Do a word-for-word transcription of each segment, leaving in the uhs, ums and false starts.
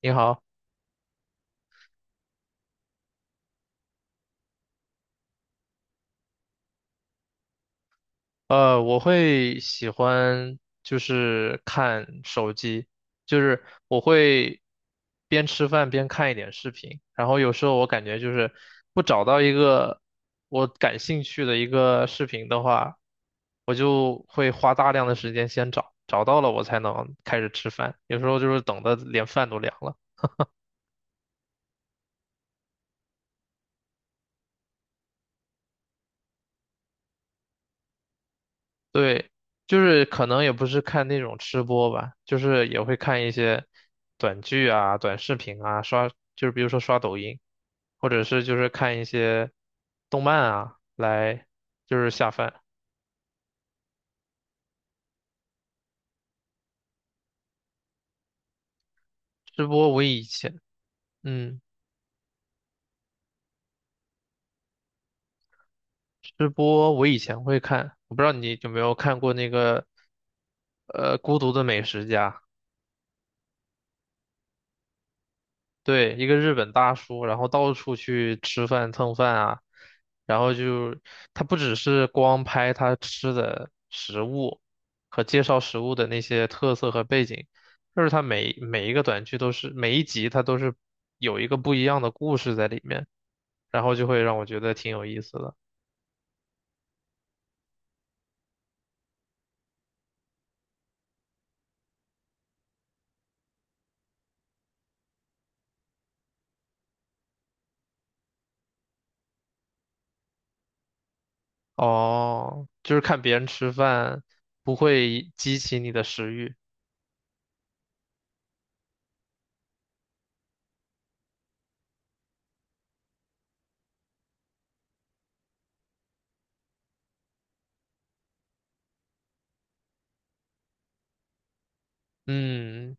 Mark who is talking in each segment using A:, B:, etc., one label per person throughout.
A: 你好，呃，我会喜欢就是看手机，就是我会边吃饭边看一点视频。然后有时候我感觉就是不找到一个我感兴趣的一个视频的话，我就会花大量的时间先找，找到了我才能开始吃饭，有时候就是等的连饭都凉了。对，就是可能也不是看那种吃播吧，就是也会看一些短剧啊、短视频啊，刷，就是比如说刷抖音，或者是就是看一些动漫啊，来就是下饭。吃播我以前，嗯，吃播我以前会看，我不知道你有没有看过那个，呃，《孤独的美食家》。对，一个日本大叔，然后到处去吃饭蹭饭啊，然后就他不只是光拍他吃的食物和介绍食物的那些特色和背景，就是他每每一个短剧都是每一集他都是有一个不一样的故事在里面，然后就会让我觉得挺有意思的。哦，就是看别人吃饭不会激起你的食欲，嗯。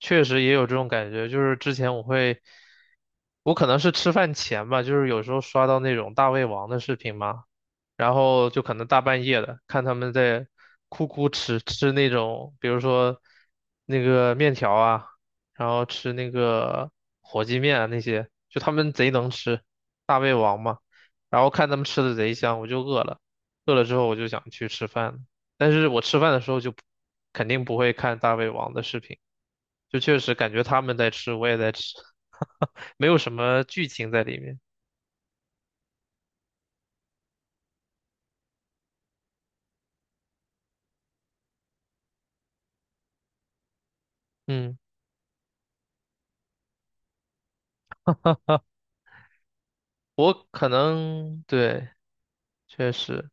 A: 确实也有这种感觉，就是之前我会，我可能是吃饭前吧，就是有时候刷到那种大胃王的视频嘛，然后就可能大半夜的看他们在哭哭吃吃那种，比如说那个面条啊，然后吃那个火鸡面啊那些，就他们贼能吃，大胃王嘛，然后看他们吃的贼香，我就饿了，饿了之后我就想去吃饭了，但是我吃饭的时候就不，肯定不会看大胃王的视频。就确实感觉他们在吃，我也在吃，没有什么剧情在里面。嗯，我可能，对，确实，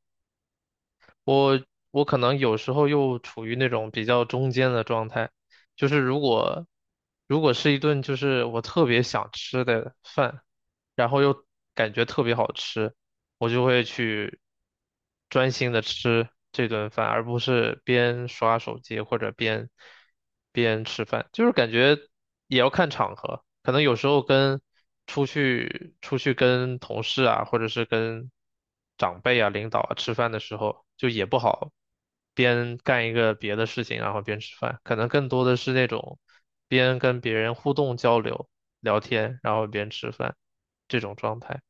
A: 我我可能有时候又处于那种比较中间的状态，就是如果如果是一顿就是我特别想吃的饭，然后又感觉特别好吃，我就会去专心的吃这顿饭，而不是边刷手机或者边边吃饭。就是感觉也要看场合，可能有时候跟出去出去跟同事啊，或者是跟长辈啊、领导啊吃饭的时候，就也不好边干一个别的事情，然后边吃饭，可能更多的是那种边跟别人互动交流、聊天，然后边吃饭这种状态。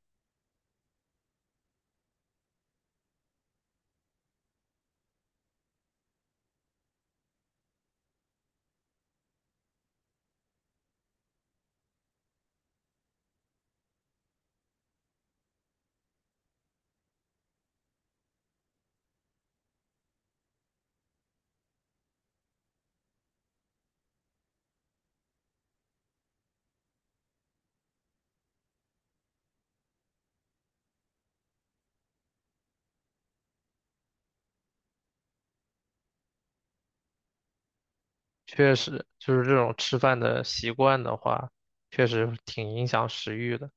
A: 确实，就是这种吃饭的习惯的话，确实挺影响食欲的。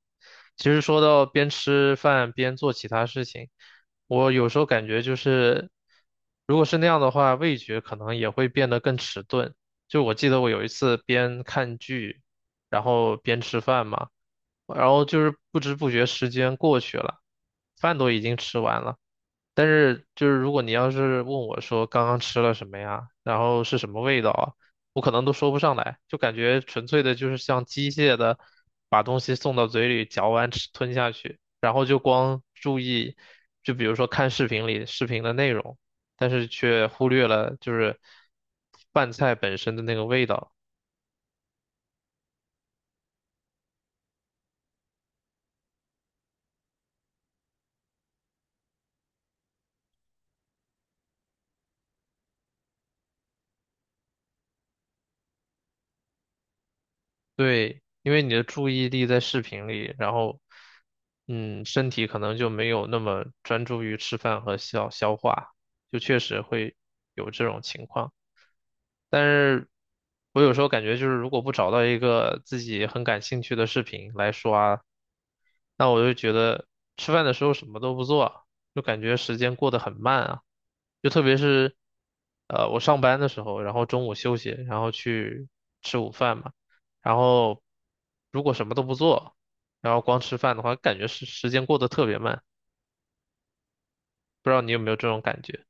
A: 其实说到边吃饭边做其他事情，我有时候感觉就是，如果是那样的话，味觉可能也会变得更迟钝。就我记得我有一次边看剧，然后边吃饭嘛，然后就是不知不觉时间过去了，饭都已经吃完了。但是就是如果你要是问我说刚刚吃了什么呀，然后是什么味道啊，我可能都说不上来，就感觉纯粹的就是像机械的把东西送到嘴里嚼完吃吞下去，就光注意，就比如说看视频里视频的内容，但是却忽略了就是饭菜本身的那个味道。对，因为你的注意力在视频里，然后，嗯，身体可能就没有那么专注于吃饭和消消化，就确实会有这种情况。但是我有时候感觉就是如果不找到一个自己很感兴趣的视频来刷，那我就觉得吃饭的时候什么都不做，就感觉时间过得很慢啊。就特别是，呃，我上班的时候，然后中午休息，然后去吃午饭嘛，然后如果什么都不做，然后光吃饭的话，感觉时时间过得特别慢。不知道你有没有这种感觉？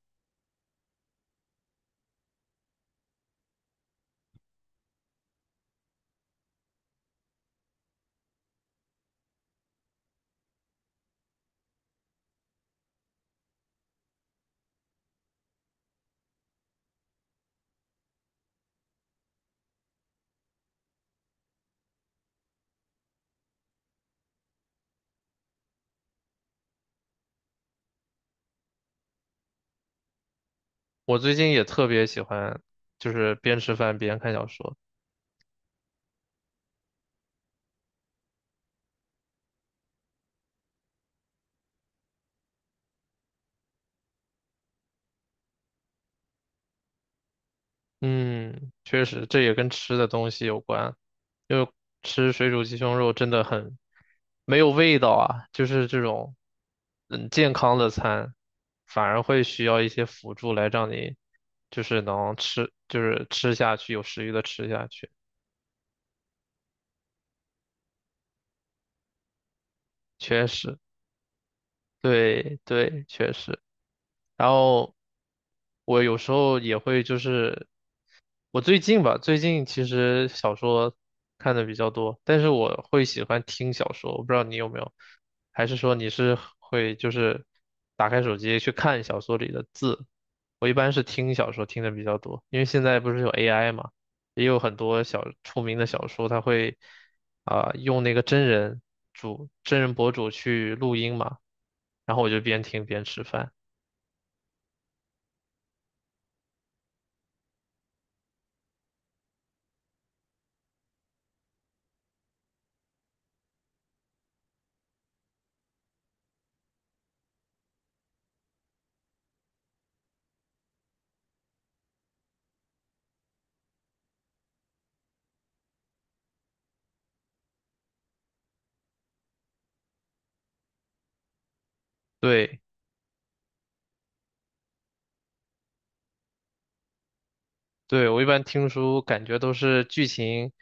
A: 我最近也特别喜欢，就是边吃饭边看小说。嗯，确实，这也跟吃的东西有关，因为吃水煮鸡胸肉真的很没有味道啊，就是这种嗯健康的餐，反而会需要一些辅助来让你就是能吃，就是吃下去，有食欲的吃下去。确实，对对，确实。然后我有时候也会就是，我最近吧，最近其实小说看的比较多，但是我会喜欢听小说，我不知道你有没有，还是说你是会就是打开手机去看小说里的字？我一般是听小说听的比较多，因为现在不是有 A I 嘛，也有很多小出名的小说，它会啊、用那个真人主真人博主去录音嘛，然后我就边听边吃饭。对，对，我一般听书感觉都是剧情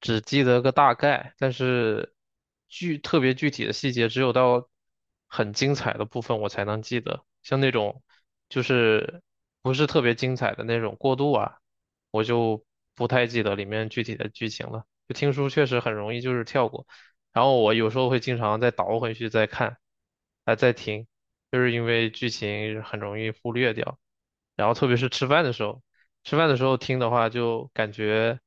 A: 只记得个大概，但是具特别具体的细节只有到很精彩的部分我才能记得。像那种就是不是特别精彩的那种过渡啊，我就不太记得里面具体的剧情了。就听书确实很容易就是跳过，然后我有时候会经常再倒回去再看，啊、再听，就是因为剧情很容易忽略掉。然后特别是吃饭的时候。吃饭的时候听的话，就感觉，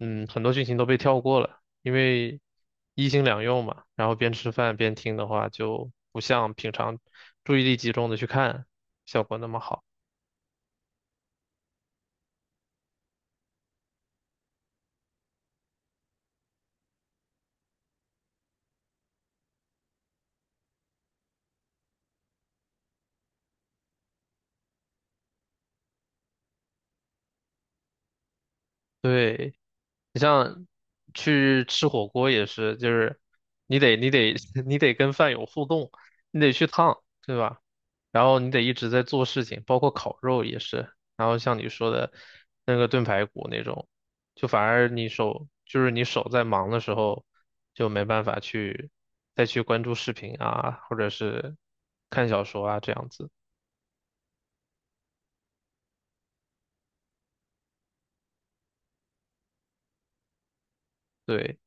A: 嗯，很多剧情都被跳过了，因为一心两用嘛。然后边吃饭边听的话，就不像平常注意力集中的去看，效果那么好。对。你像去吃火锅也是，就是你得你得 你得跟饭友互动，你得去烫，对吧？然后你得一直在做事情，包括烤肉也是。然后像你说的那个炖排骨那种，就反而你手就是你手在忙的时候，就没办法去再去关注视频啊，或者是看小说啊这样子。对，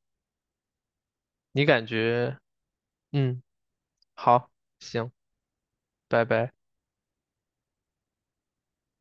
A: 你感觉，嗯，好，行，拜拜。